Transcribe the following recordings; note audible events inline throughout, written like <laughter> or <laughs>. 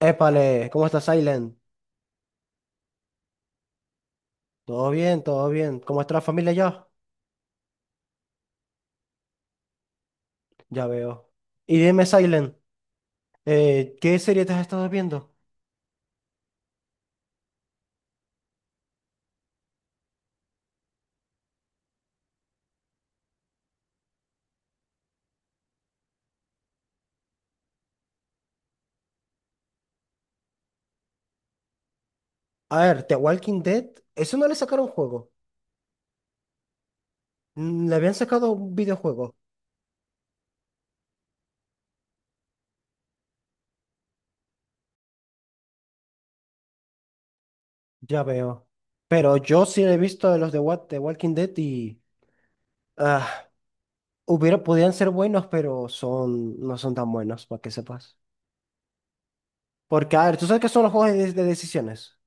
Épale, ¿cómo estás, Silent? Todo bien, todo bien. ¿Cómo está la familia ya? Ya veo. Y dime, Silent, ¿qué serie te has estado viendo? A ver, The Walking Dead, eso no le sacaron juego. Mm, le habían sacado un videojuego. Ya veo. Pero yo sí he visto de los de What The Walking Dead y ah, hubiera, podían ser buenos, pero son, no son tan buenos, para que sepas. Porque, a ver, tú sabes que son los juegos de decisiones.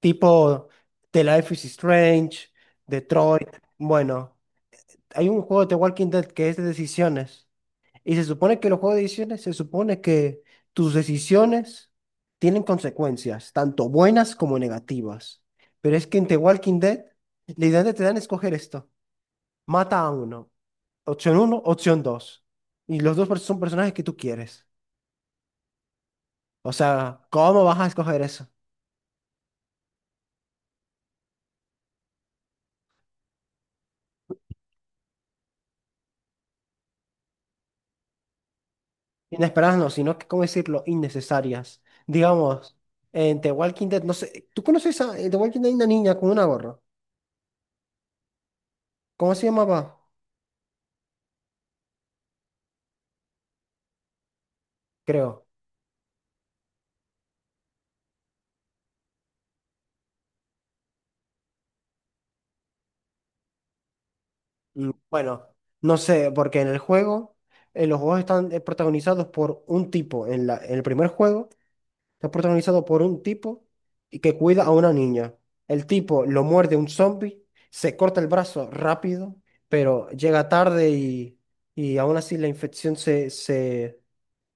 Tipo The Life is Strange, Detroit. Bueno, hay un juego de The Walking Dead que es de decisiones. Y se supone que los juegos de decisiones, se supone que tus decisiones tienen consecuencias, tanto buenas como negativas. Pero es que en The Walking Dead, literalmente te dan a escoger esto. Mata a uno. Opción uno, opción dos. Y los dos son personajes que tú quieres. O sea, ¿cómo vas a escoger eso? Inesperadas no, sino que, ¿cómo decirlo? Innecesarias. Digamos, en The Walking Dead, no sé, ¿tú conoces a en The Walking Dead hay una niña con una gorra? ¿Cómo se llamaba? Creo. Y bueno, no sé, porque en el juego, los juegos están protagonizados por un tipo. En el primer juego, está protagonizado por un tipo y que cuida a una niña. El tipo lo muerde un zombie, se corta el brazo rápido, pero llega tarde y aún así la infección se, se,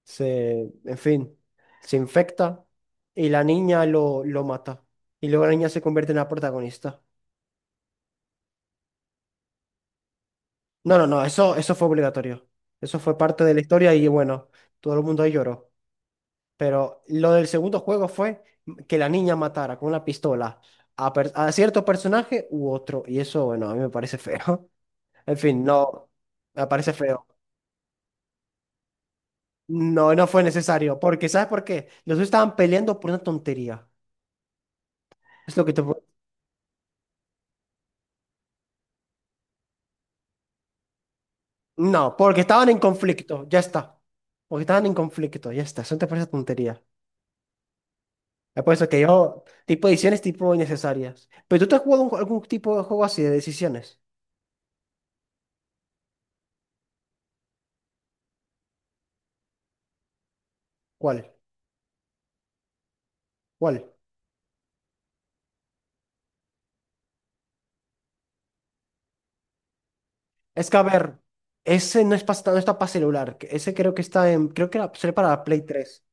se, en fin, se infecta y la niña lo mata. Y luego la niña se convierte en la protagonista. No, no, no, eso fue obligatorio. Eso fue parte de la historia y bueno, todo el mundo ahí lloró. Pero lo del segundo juego fue que la niña matara con una pistola a, a cierto personaje u otro. Y eso, bueno, a mí me parece feo. <laughs> En fin, no, me parece feo. No, no fue necesario. Porque, ¿sabes por qué? Los dos estaban peleando por una tontería. Es lo que te... No, porque estaban en conflicto, ya está. Porque estaban en conflicto, ya está. Eso no te parece tontería. Apuesto que yo, tipo decisiones tipo innecesarias. Pero tú te has jugado algún tipo de juego así de decisiones. ¿Cuál? ¿Cuál? Es que, a ver, ese no, es no está para celular. Que Ese creo que está en, creo que era, sale para Play tres.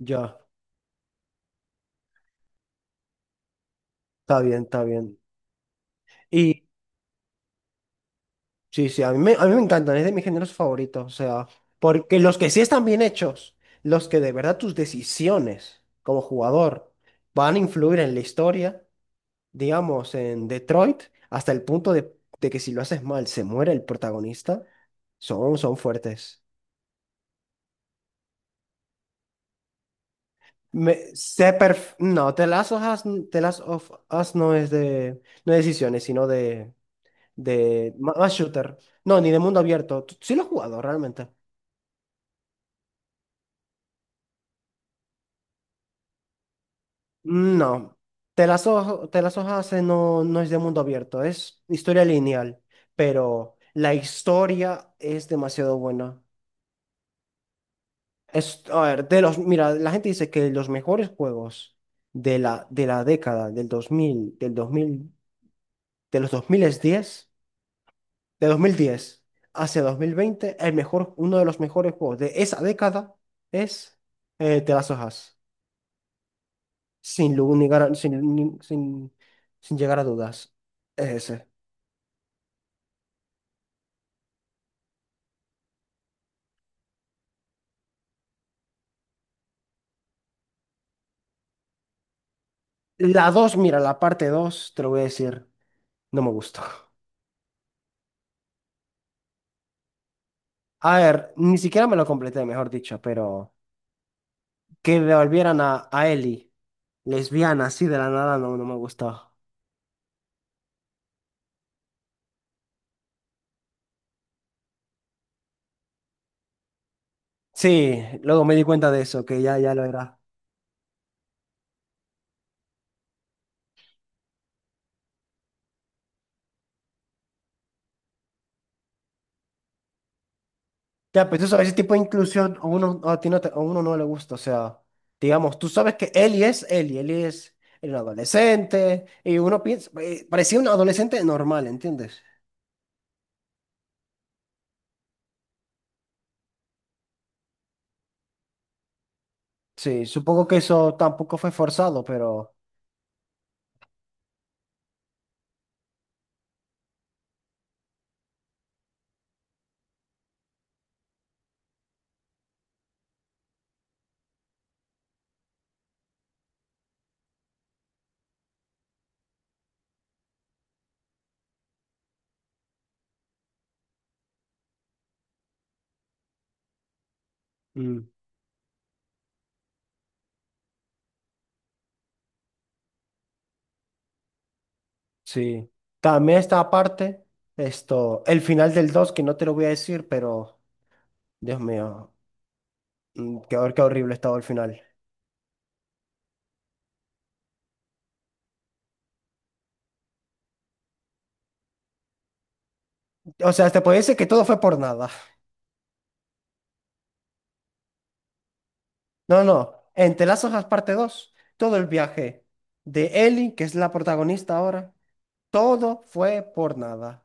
Ya, está bien, está bien. Y sí, sí, a mí me encantan, es de mis géneros favoritos. O sea, porque los que sí están bien hechos, los que de verdad tus decisiones como jugador van a influir en la historia, digamos, en Detroit, hasta el punto de que si lo haces mal se muere el protagonista, son, son fuertes. Me, no, The Last of Us, The Last of Us no es de, no de decisiones, sino de, más shooter. No, ni de mundo abierto. Sí lo he jugado realmente. No, The Last of Us no, no es de mundo abierto, es historia lineal, pero la historia es demasiado buena. Es, a ver, de los, mira, la gente dice que los mejores juegos de la década del dos mil, de los dos mil diez, de 2010 hacia dos mil veinte, el mejor, uno de los mejores juegos de esa década es The Last of Us. Sin, lu- ni gar- sin, ni- sin, sin llegar a dudas. Es ese. La dos, mira, la parte dos te lo voy a decir, no me gustó. A ver, ni siquiera me lo completé, mejor dicho, pero que devolvieran a Ellie. Lesbiana, así de la nada no, no me gustaba. Sí, luego me di cuenta de eso, ya lo era. Ya, pues tú sabes, ese tipo de inclusión a uno, a uno no le gusta, o sea, digamos, tú sabes que Eli es Eli, Eli es un adolescente, y uno piensa, parecía un adolescente normal, ¿entiendes? Sí, supongo que eso tampoco fue forzado, pero mm, sí. También está aparte, esto, el final del 2 que no te lo voy a decir, pero, Dios mío, qué horrible estaba el final. O sea, te podría decir que todo fue por nada. No, no. En Te las hojas parte 2, todo el viaje de Ellie, que es la protagonista ahora, todo fue por nada.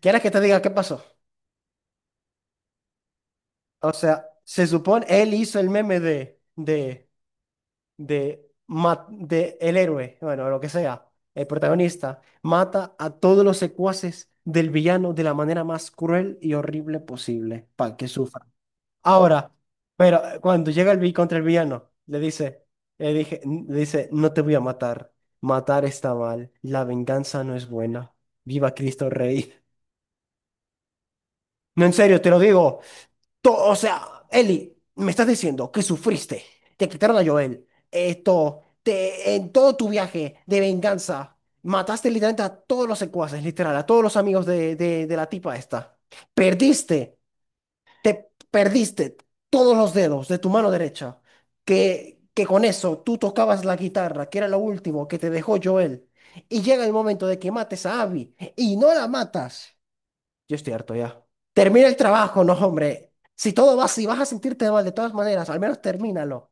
¿Quieres que te diga qué pasó? O sea, se supone, él hizo el meme de el héroe, bueno, lo que sea, el protagonista, mata a todos los secuaces del villano de la manera más cruel y horrible posible, para que sufra. Ahora, pero cuando llega el vi contra el villano, le dice, le dije, n- le dice, no te voy a matar. Matar está mal. La venganza no es buena. Viva Cristo Rey. No, en serio, te lo digo. O sea, Eli, me estás diciendo que sufriste. Te quitaron a Joel. Esto, te, en todo tu viaje de venganza, mataste literalmente a todos los secuaces, literal, a todos los amigos de la tipa esta. Perdiste. Te perdiste todos los dedos de tu mano derecha, que con eso tú tocabas la guitarra, que era lo último que te dejó Joel, y llega el momento de que mates a Abby y no la matas. Yo estoy harto ya. Termina el trabajo, no, hombre. Si todo va si vas a sentirte mal de todas maneras, al menos termínalo.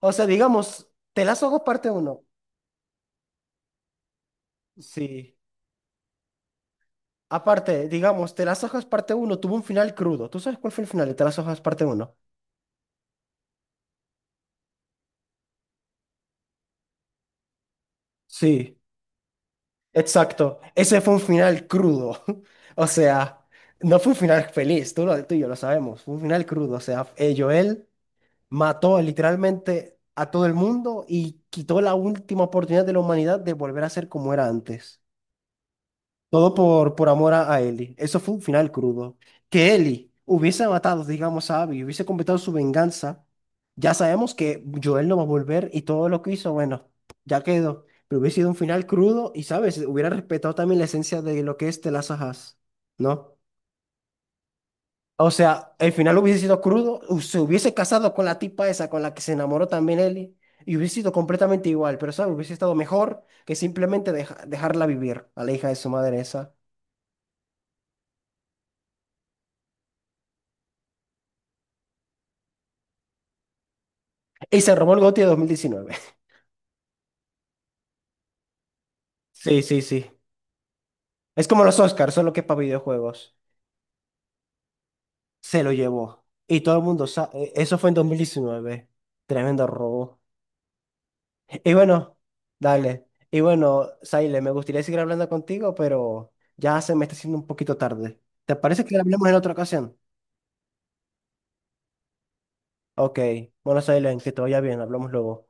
O sea, digamos, Te las ojos parte uno. Sí. Aparte, digamos, Te las hojas parte uno tuvo un final crudo. ¿Tú sabes cuál fue el final de Te las hojas parte uno? Sí. Exacto, ese fue un final crudo. <laughs> O sea, no fue un final feliz, tú y yo lo sabemos, fue un final crudo. O sea, Joel mató literalmente a todo el mundo y quitó la última oportunidad de la humanidad de volver a ser como era antes. Todo por amor a Ellie. Eso fue un final crudo. Que Ellie hubiese matado, digamos, a Abby, hubiese completado su venganza. Ya sabemos que Joel no va a volver y todo lo que hizo, bueno, ya quedó. Pero hubiese sido un final crudo y, ¿sabes? Hubiera respetado también la esencia de lo que es The Last of Us, ¿no? O sea, el final hubiese sido crudo, se hubiese casado con la tipa esa con la que se enamoró también Ellie y hubiese sido completamente igual, pero, ¿sabes? Hubiese estado mejor que simplemente dejarla vivir a la hija de su madre esa. Y se robó el GOTY de 2019. Sí, sí, sí. Es como los Oscars, solo que para videojuegos. Se lo llevó. Y todo el mundo sabe. Eso fue en 2019. Tremendo robo. Y bueno, dale. Y bueno, Saile, me gustaría seguir hablando contigo, pero ya se me está haciendo un poquito tarde. ¿Te parece que hablemos en otra ocasión? Ok. Bueno, Saile, que te vaya bien. Hablamos luego.